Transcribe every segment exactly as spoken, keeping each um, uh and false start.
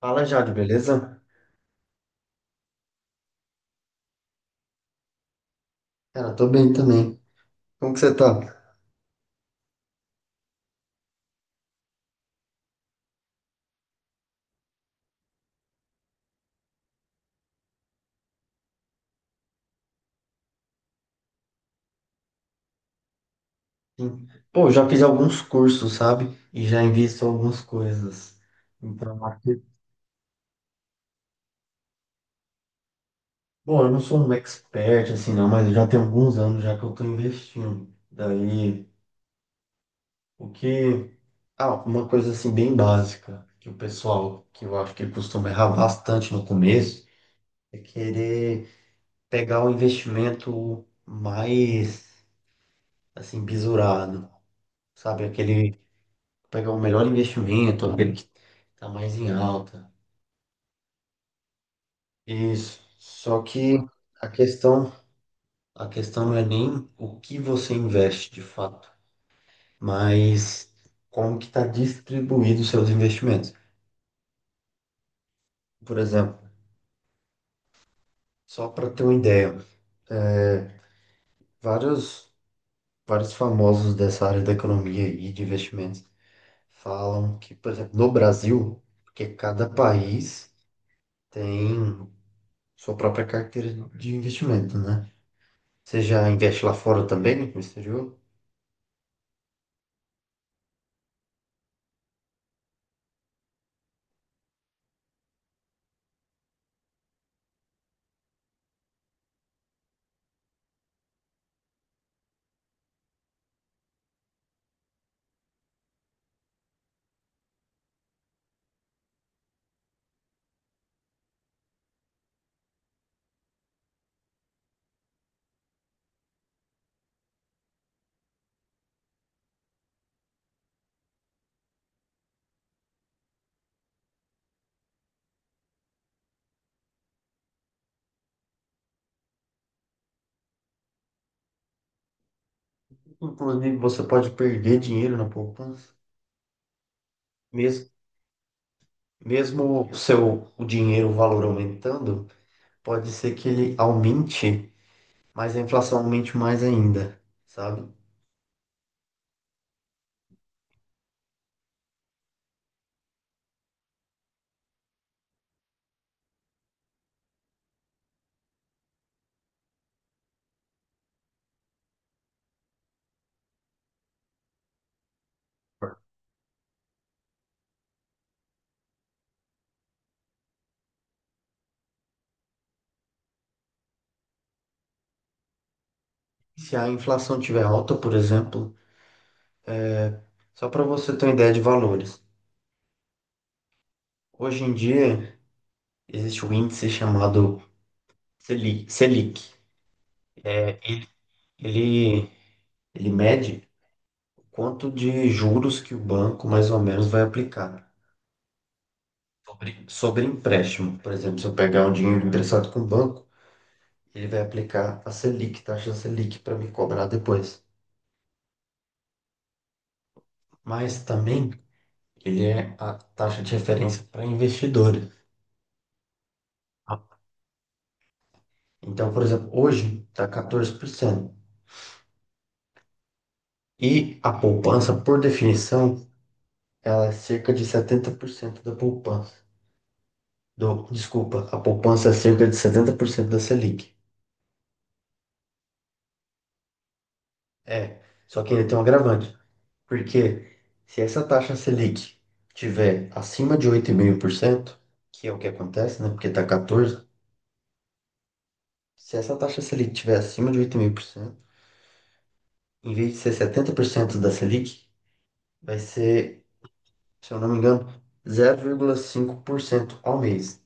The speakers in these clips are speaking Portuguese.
Fala, Jade, beleza? Cara, tô bem também. Como que você tá? Sim. Pô, eu já fiz alguns cursos, sabe? E já invisto algumas coisas. Então, aqui... Bom, eu não sou um expert, assim, não, mas eu já tenho alguns anos já que eu tô investindo. Daí, o que... Ah, uma coisa, assim, bem básica, que o pessoal, que eu acho que costuma errar bastante no começo, é querer pegar o investimento mais, assim, bisurado. Sabe, aquele pegar o melhor investimento, aquele que está mais em alta. Isso. Só que a questão, a questão não é nem o que você investe de fato, mas como que está distribuído os seus investimentos. Por exemplo, só para ter uma ideia, vários, vários famosos dessa área da economia e de investimentos falam que, por exemplo, no Brasil, porque cada país tem sua própria carteira de investimento, né? Você já investe lá fora também, no exterior? Inclusive, você pode perder dinheiro na poupança. Mesmo, mesmo o seu o dinheiro, o valor aumentando, pode ser que ele aumente, mas a inflação aumente mais ainda, sabe? Se a inflação tiver alta, por exemplo, só para você ter uma ideia de valores. Hoje em dia, existe um índice chamado selic Selic. É, ele, ele, ele mede o quanto de juros que o banco mais ou menos vai aplicar. Sobre, sobre empréstimo, por exemplo, se eu pegar um dinheiro emprestado com o banco, ele vai aplicar a Selic, taxa Selic, para me cobrar depois. Mas também ele é a taxa de referência para investidores. Então, por exemplo, hoje está quatorze por cento. E a poupança, por definição, ela é cerca de setenta por cento da poupança. Do, desculpa, a poupança é cerca de setenta por cento da Selic. É, só que ele tem um agravante. Porque se essa taxa Selic tiver acima de oito vírgula cinco por cento, que é o que acontece, né? Porque tá quatorze por cento, se essa taxa Selic tiver acima de oito vírgula cinco por cento, em vez de ser setenta por cento da Selic, vai ser, se eu não me engano, zero vírgula cinco por cento ao mês.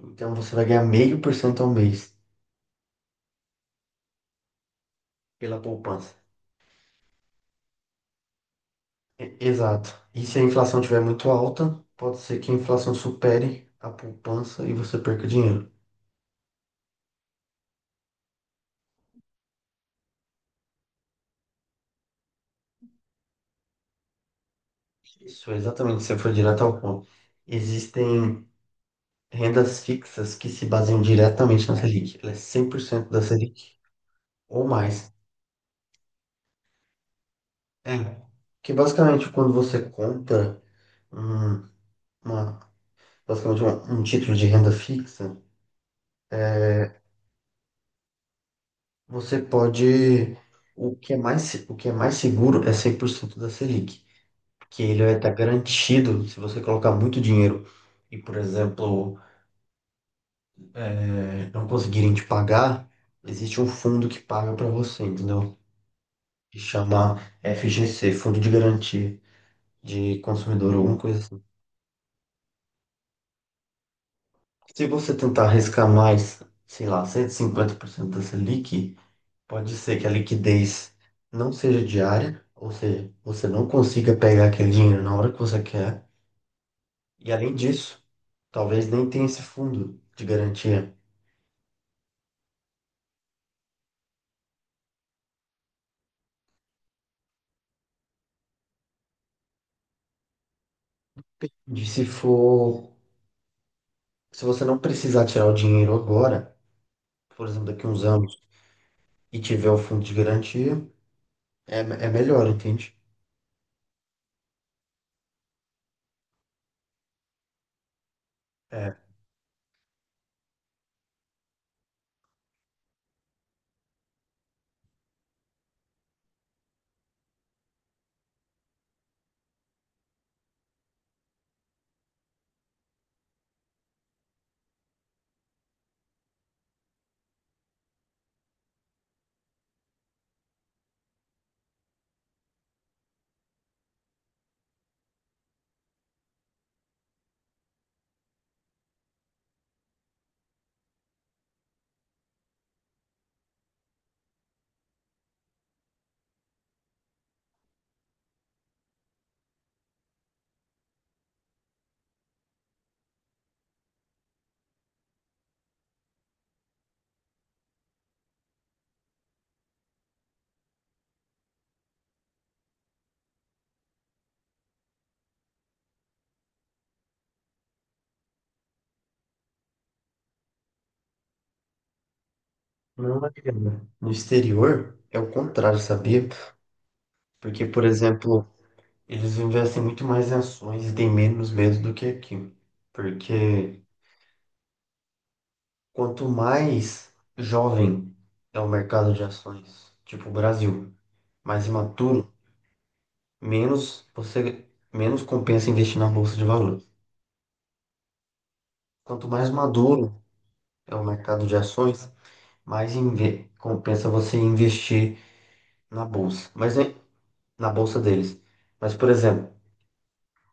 Então você vai ganhar meio por cento ao mês pela poupança. E- Exato. E se a inflação estiver muito alta, pode ser que a inflação supere a poupança e você perca dinheiro. Isso, exatamente, você foi direto ao ponto. Existem rendas fixas que se baseiam diretamente na Selic. Ela é cem por cento da Selic ou mais. É. Que basicamente, quando você compra um, uma, basicamente um, um título de renda fixa, você pode. O que é mais, se- o que é mais seguro é cem por cento da Selic, que ele vai estar garantido se você colocar muito dinheiro e, por exemplo, eh, não conseguirem te pagar, existe um fundo que paga para você, entendeu? Que chama F G C, Fundo de Garantia de Consumidor, alguma coisa assim. Se você tentar arriscar mais, sei lá, cento e cinquenta por cento da Selic, pode ser que a liquidez não seja diária, ou seja, você não consiga pegar aquele dinheiro na hora que você quer. E além disso, talvez nem tenha esse fundo de garantia. De Se for, se você não precisar tirar o dinheiro agora, por exemplo, daqui a uns anos, e tiver o fundo de garantia, é, é melhor, entende? É, não, Mariana. No exterior é o contrário, sabia? Porque, por exemplo, eles investem muito mais em ações e têm menos medo do que aqui. Porque quanto mais jovem é o mercado de ações, tipo o Brasil, mais imaturo, menos você menos compensa investir na bolsa de valores. Quanto mais maduro é o mercado de ações, mais inve- compensa você investir na bolsa, mas é na bolsa deles. Mas, por exemplo,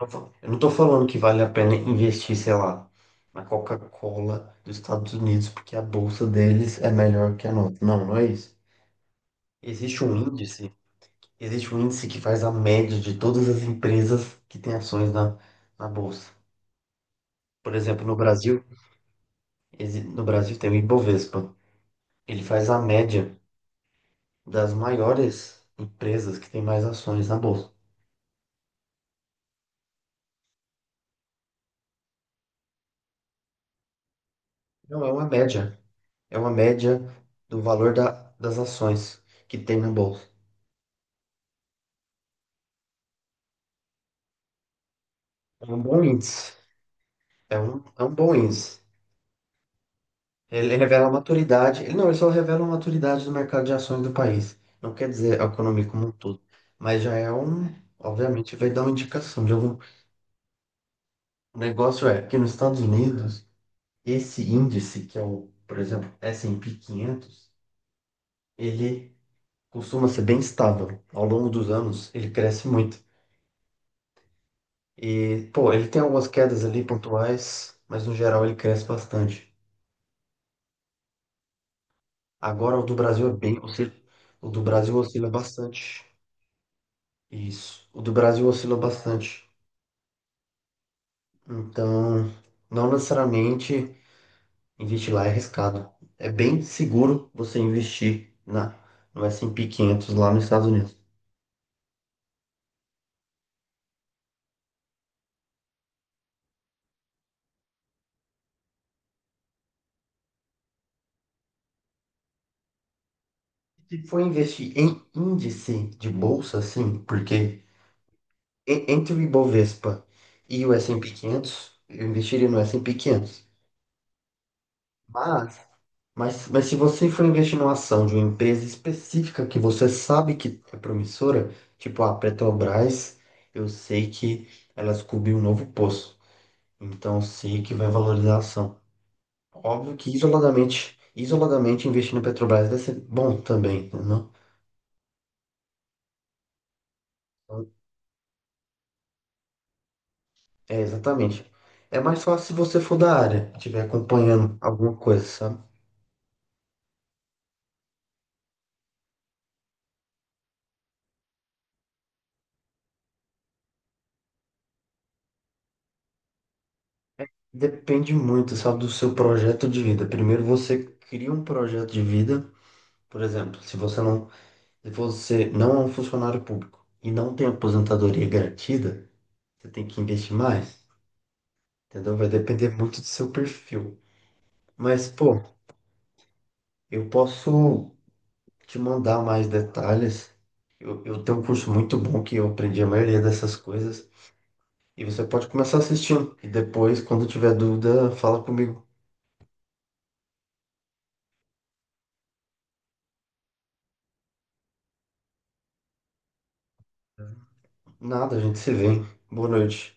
Não tô- eu não tô falando que vale a pena investir, sei lá, na Coca-Cola dos Estados Unidos, porque a bolsa deles é melhor que a nossa. Não, não é isso. Existe um índice, existe um índice que faz a média de todas as empresas que têm ações na, na bolsa. Por exemplo, no Brasil, exi- no Brasil tem o Ibovespa. Ele faz a média das maiores empresas que têm mais ações na bolsa. Não, é uma média. É uma média do valor da- das ações que tem na bolsa. É um bom índice. É um, é um bom índice. Ele revela a maturidade. Ele, não, ele só revela a maturidade do mercado de ações do país. Não quer dizer a economia como um todo. Mas já é um. Obviamente, vai dar uma indicação de algum. O negócio é que nos Estados Unidos, esse índice, que é o, por exemplo, esse e pê quinhentos, ele costuma ser bem estável. Ao longo dos anos, ele cresce muito. E, pô, ele tem algumas quedas ali pontuais, mas no geral ele cresce bastante. Agora, o do Brasil é bem. oscila- o do Brasil oscila bastante. Isso. O do Brasil oscila bastante. Então, não necessariamente investir lá é arriscado. É bem seguro você investir na, no S and P quinhentos lá nos Estados Unidos. Se for investir em índice de bolsa, sim, porque e- entre o Ibovespa e o esse e pê quinhentos, eu investiria no S and P quinhentos. Mas, Mas, mas se você for investir numa ação de uma empresa específica que você sabe que é promissora, tipo a Petrobras, eu sei que ela descobriu um novo poço, então eu sei que vai valorizar a ação. Óbvio que isoladamente, isoladamente investir na Petrobras vai ser bom também, entendeu? É, exatamente. É mais fácil se você for da área, estiver acompanhando alguma coisa, sabe? Depende muito, sabe, do seu projeto de vida. Primeiro você cria um projeto de vida, por exemplo, se você não se você não é um funcionário público e não tem aposentadoria garantida, você tem que investir mais, entendeu? Vai depender muito do seu perfil. Mas, pô, eu posso te mandar mais detalhes. Eu, eu tenho um curso muito bom que eu aprendi a maioria dessas coisas. E você pode começar assistindo. E depois, quando tiver dúvida, fala comigo. Nada, a gente se vê, hein? Boa noite.